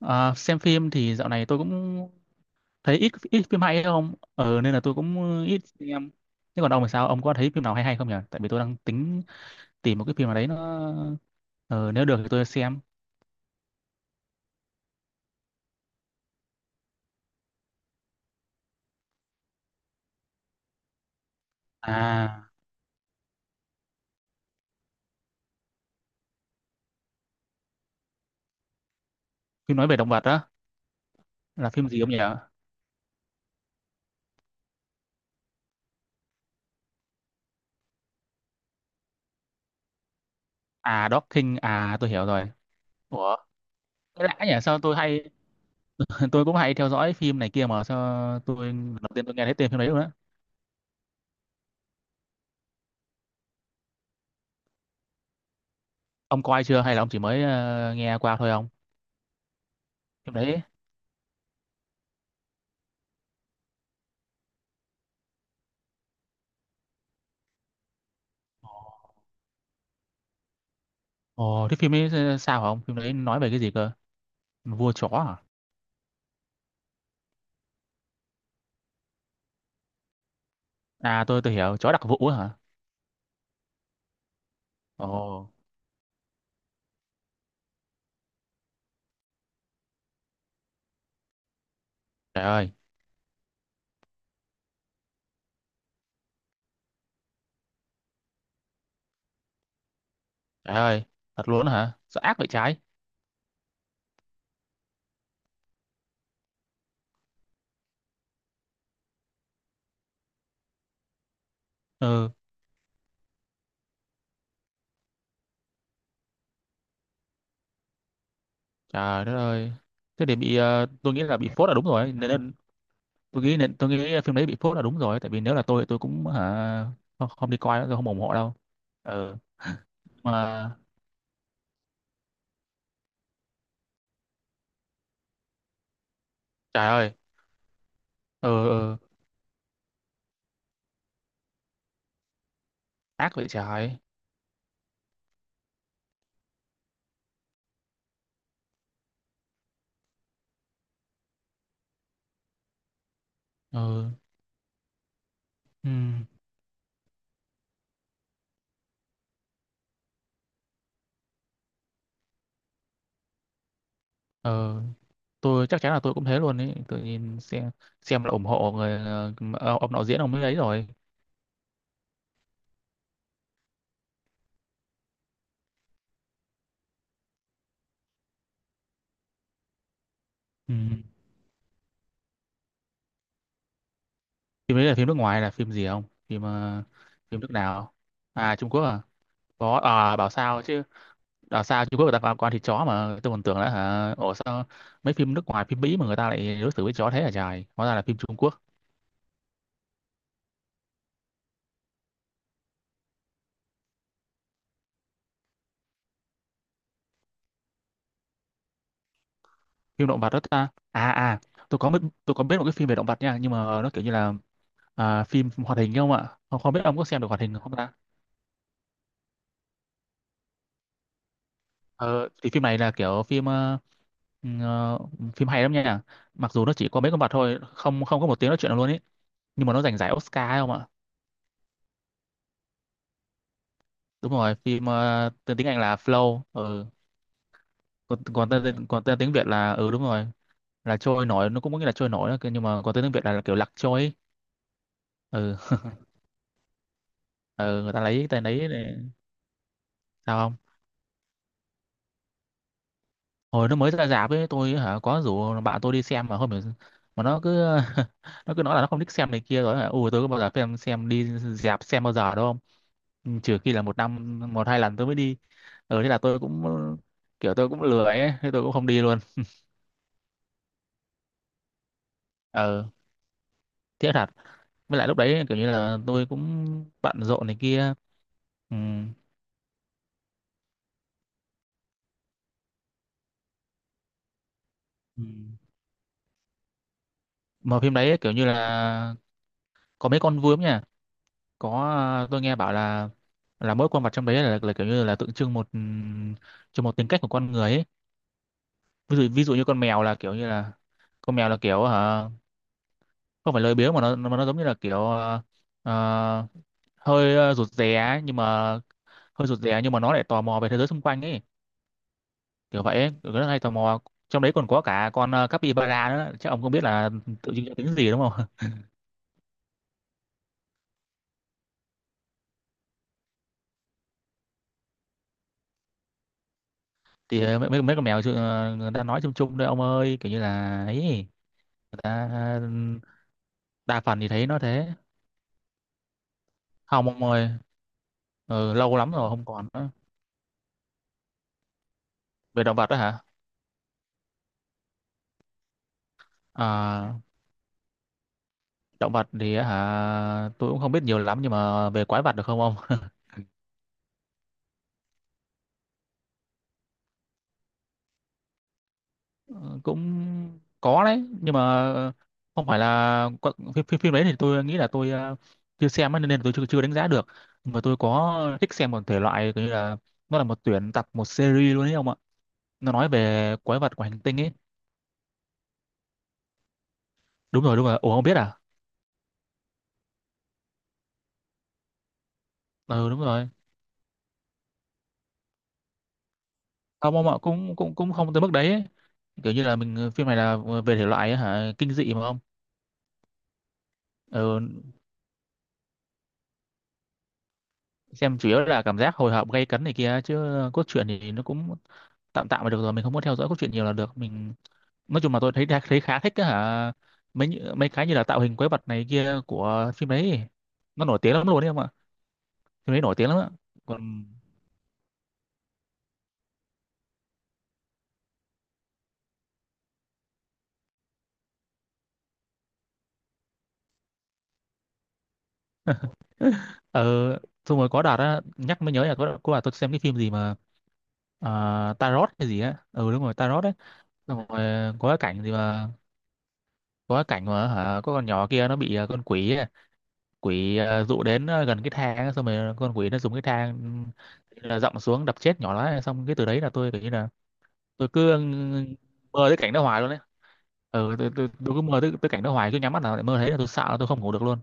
À, xem phim thì dạo này tôi cũng thấy ít ít phim hay không? Ờ Nên là tôi cũng ít xem. Thế còn ông thì sao? Ông có thấy phim nào hay hay không nhỉ? Tại vì tôi đang tính tìm một cái phim nào đấy nó, ờ, nếu được thì tôi xem. À, phim nói về động vật đó là phim gì ông nhỉ? À, Dog King. À, tôi hiểu rồi. Ủa, cái lạ nhỉ? Sao tôi hay tôi cũng hay theo dõi phim này kia mà sao tôi lần đầu tiên tôi nghe thấy tên phim đấy luôn á. Ông coi chưa hay là ông chỉ mới nghe qua thôi ông? Phim đấy. Ồ, thế phim ấy sao hả ông? Phim đấy nói về cái gì cơ? Vua chó à? À, tôi hiểu, chó đặc vụ á hả? Ồ, trời ơi, trời ơi, thật luôn á hả? Sao ác vậy trái? Ừ, trời đất ơi. Thế để bị, tôi nghĩ là bị phốt là đúng rồi, nên tôi nghĩ phim đấy bị phốt là đúng rồi, tại vì nếu là tôi cũng hả, không, không đi coi nữa, tôi không ủng hộ đâu. Ừ, mà trời ơi, ừ, ừ ác vậy trái. Ừ, ừ, ừ, tôi chắc chắn là tôi cũng thế luôn ấy, tôi nhìn xem là ủng hộ người, ông đạo diễn ông ấy ấy rồi. Ừ. Phim đấy là phim nước ngoài là phim gì không? Phim ờ, Phim nước nào? À, Trung Quốc à? Có à, bảo sao chứ. Bảo sao Trung Quốc người ta quan quan thịt chó mà tôi còn tưởng là hả ủa sao mấy phim nước ngoài phim Mỹ mà người ta lại đối xử với chó thế hả trời. Hóa ra là phim Trung Quốc, phim động vật đó ta. À à, tôi có biết tôi có biết một cái phim về động vật nha, nhưng mà nó kiểu như là, à, phim hoạt hình không ạ? Không, không biết ông có xem được hoạt hình không ta? Ờ, thì phim này là kiểu phim, ừ, ờ, phim hay lắm nha. Mặc dù nó chỉ có mấy con vật thôi, không không có một tiếng nói chuyện nào luôn ý. Nhưng mà nó giành giải Oscar ấy không ạ? Đúng rồi, phim, tên tiếng Anh là Flow. Ừ. Còn còn tên tiếng Việt là, ừ đúng rồi, là trôi nổi, nó cũng có nghĩa là trôi nổi đó, nhưng mà còn tên tiếng Việt là, kiểu lạc trôi ấy. Ừ. Ừ, người ta lấy tên đấy để sao không? Hồi nó mới ra rạp ấy tôi hả có rủ bạn tôi đi xem mà không hiểu mà nó cứ nó cứ nói là nó không thích xem này kia rồi hả ui tôi có bao giờ xem đi rạp xem bao giờ đâu không. Ừ, trừ khi là một năm một hai lần tôi mới đi. Ừ thế là tôi cũng kiểu tôi cũng lười ấy thế tôi cũng không đi luôn. Ừ, tiếc thật. Với lại lúc đấy kiểu như là tôi cũng bận rộn này kia. Ừ. Ừ. Mà phim đấy kiểu như là có mấy con vướng nha, có tôi nghe bảo là mỗi con vật trong đấy là kiểu như là tượng trưng một, cho một tính cách của con người ấy. Ví dụ như con mèo là kiểu như là con mèo là kiểu hả không phải lười biếng mà nó giống như là kiểu, ờ, hơi, rụt rè ấy, nhưng mà hơi rụt rè nhưng mà nó lại tò mò về thế giới xung quanh ấy, kiểu vậy ấy, kiểu rất hay tò mò. Trong đấy còn có cả con, capybara nữa chắc ông không biết là tượng trưng cho tính gì đúng không. Thì ờ, mấy mấy mấy con mèo chứ, ờ, người ta nói chung chung đấy ông ơi kiểu như là ấy người ta ờ, đa phần thì thấy nó thế. Không ông ơi. Ừ, lâu lắm rồi không còn nữa. Về động vật đó hả? À, động vật thì á hả tôi cũng không biết nhiều lắm nhưng mà về quái vật được không ông? Ừ, cũng có đấy nhưng mà không phải là có- phim đấy thì tôi nghĩ là tôi, chưa xem ấy, nên là tôi chưa, chưa đánh giá được. Nhưng mà tôi có thích xem một thể loại kiểu như là nó là một tuyển tập một series luôn đấy ông ạ. Nó nói về quái vật của hành tinh ấy. Đúng rồi. Ủa không biết à? Ừ đúng rồi. Không ông ạ, cũng cũng cũng không tới mức đấy ấy. Kiểu như là mình phim này là, về thể loại ấy, hả kinh dị mà không? Ừ, xem chủ yếu là cảm giác hồi hộp gay cấn này kia chứ cốt truyện thì nó cũng tạm tạm là được rồi, mình không muốn theo dõi cốt truyện nhiều là được. Mình nói chung là tôi thấy thấy khá thích cái hả mấy như- mấy cái như là tạo hình quái vật này kia của phim đấy, nó nổi tiếng lắm luôn đấy em ạ. Phim đấy nổi tiếng lắm ạ. Còn ờ, xong rồi có đợt á nhắc mới nhớ là có đợt tôi xem cái phim gì mà, Tarot hay gì á ừ đúng rồi Tarot đấy, xong rồi có cái cảnh gì mà có cái cảnh mà hả có con nhỏ kia nó bị, con quỷ quỷ, dụ đến, gần cái thang ấy, xong rồi con quỷ nó dùng cái thang là dậm xuống đập chết nhỏ nó xong cái từ đấy là tôi kiểu như là tôi cứ ừ, mơ tới cảnh đó hoài luôn đấy. Ừ, tôi cứ mơ tới, tới cảnh đó hoài cứ nhắm mắt nào lại mơ thấy là tôi sợ là tôi không ngủ được luôn.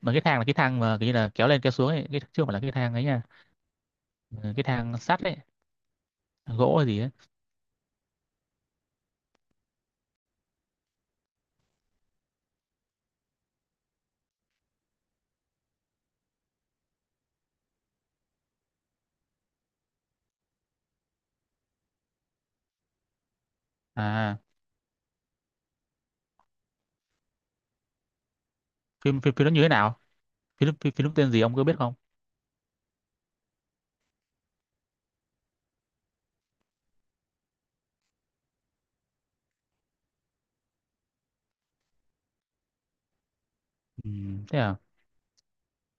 Mà cái thang là cái thang mà kiểu như là kéo lên kéo xuống ấy cái chứ không phải là cái thang ấy nha. Ừ, cái thang sắt ấy gỗ hay gì ấy. À, phim phim phim nó như thế nào? Phim phim, phim nó tên gì ông có biết không? Ừ, thế à.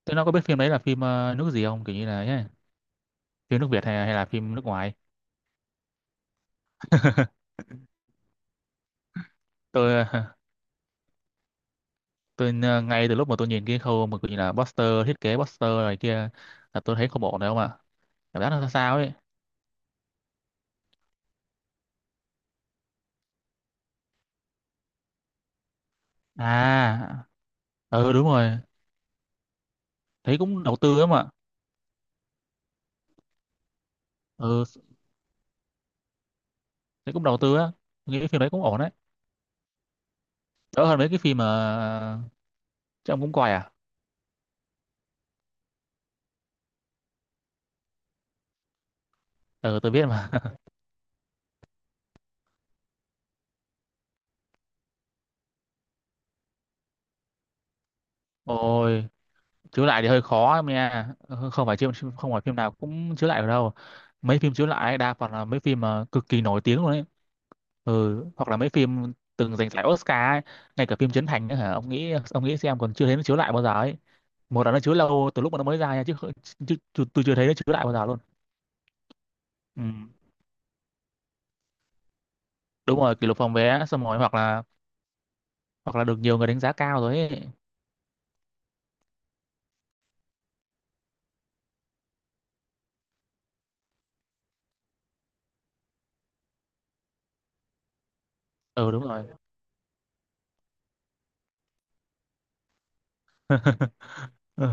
Thế nó có biết phim đấy là phim, nước gì không kiểu như là ấy, phim nước Việt hay, hay là phim nước ngoài? Tôi ờ, tôi, ngay từ lúc mà tôi nhìn cái khâu mà gọi là poster thiết kế poster này kia là tôi thấy không ổn đâu mà cảm giác nó sao ấy. À ừ đúng rồi, thấy cũng đầu tư lắm mà. Ừ, thấy cũng đầu tư á. Tôi nghĩ cái phim đấy cũng ổn đấy, đỡ hơn mấy cái phim mà chứ ông cũng coi à. Ừ tôi biết mà. Ôi, chiếu lại thì hơi khó em nha. Ừ, không phải phim không phải phim nào cũng chiếu lại được đâu. Mấy phim chiếu lại đa phần là mấy phim mà cực kỳ nổi tiếng luôn ấy. Ừ, hoặc là mấy phim từng giành giải Oscar ấy, ngay cả phim Trấn Thành ấy, hả ông nghĩ xem còn chưa thấy nó chiếu lại bao giờ ấy. Một là nó chiếu lâu từ lúc mà nó mới ra nha chứ, không- chứ, chứ tôi chưa thấy nó chiếu lại bao giờ luôn. Ừ. Đúng rồi kỷ lục phòng vé xong rồi hoặc là được nhiều người đánh giá cao rồi ấy. Ừ đúng rồi. Ừ.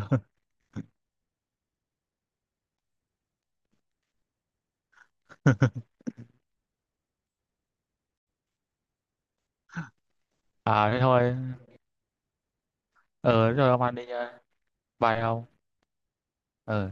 À thế thôi, ờ thế thôi ông ăn đi nha, bye ông. Ờ.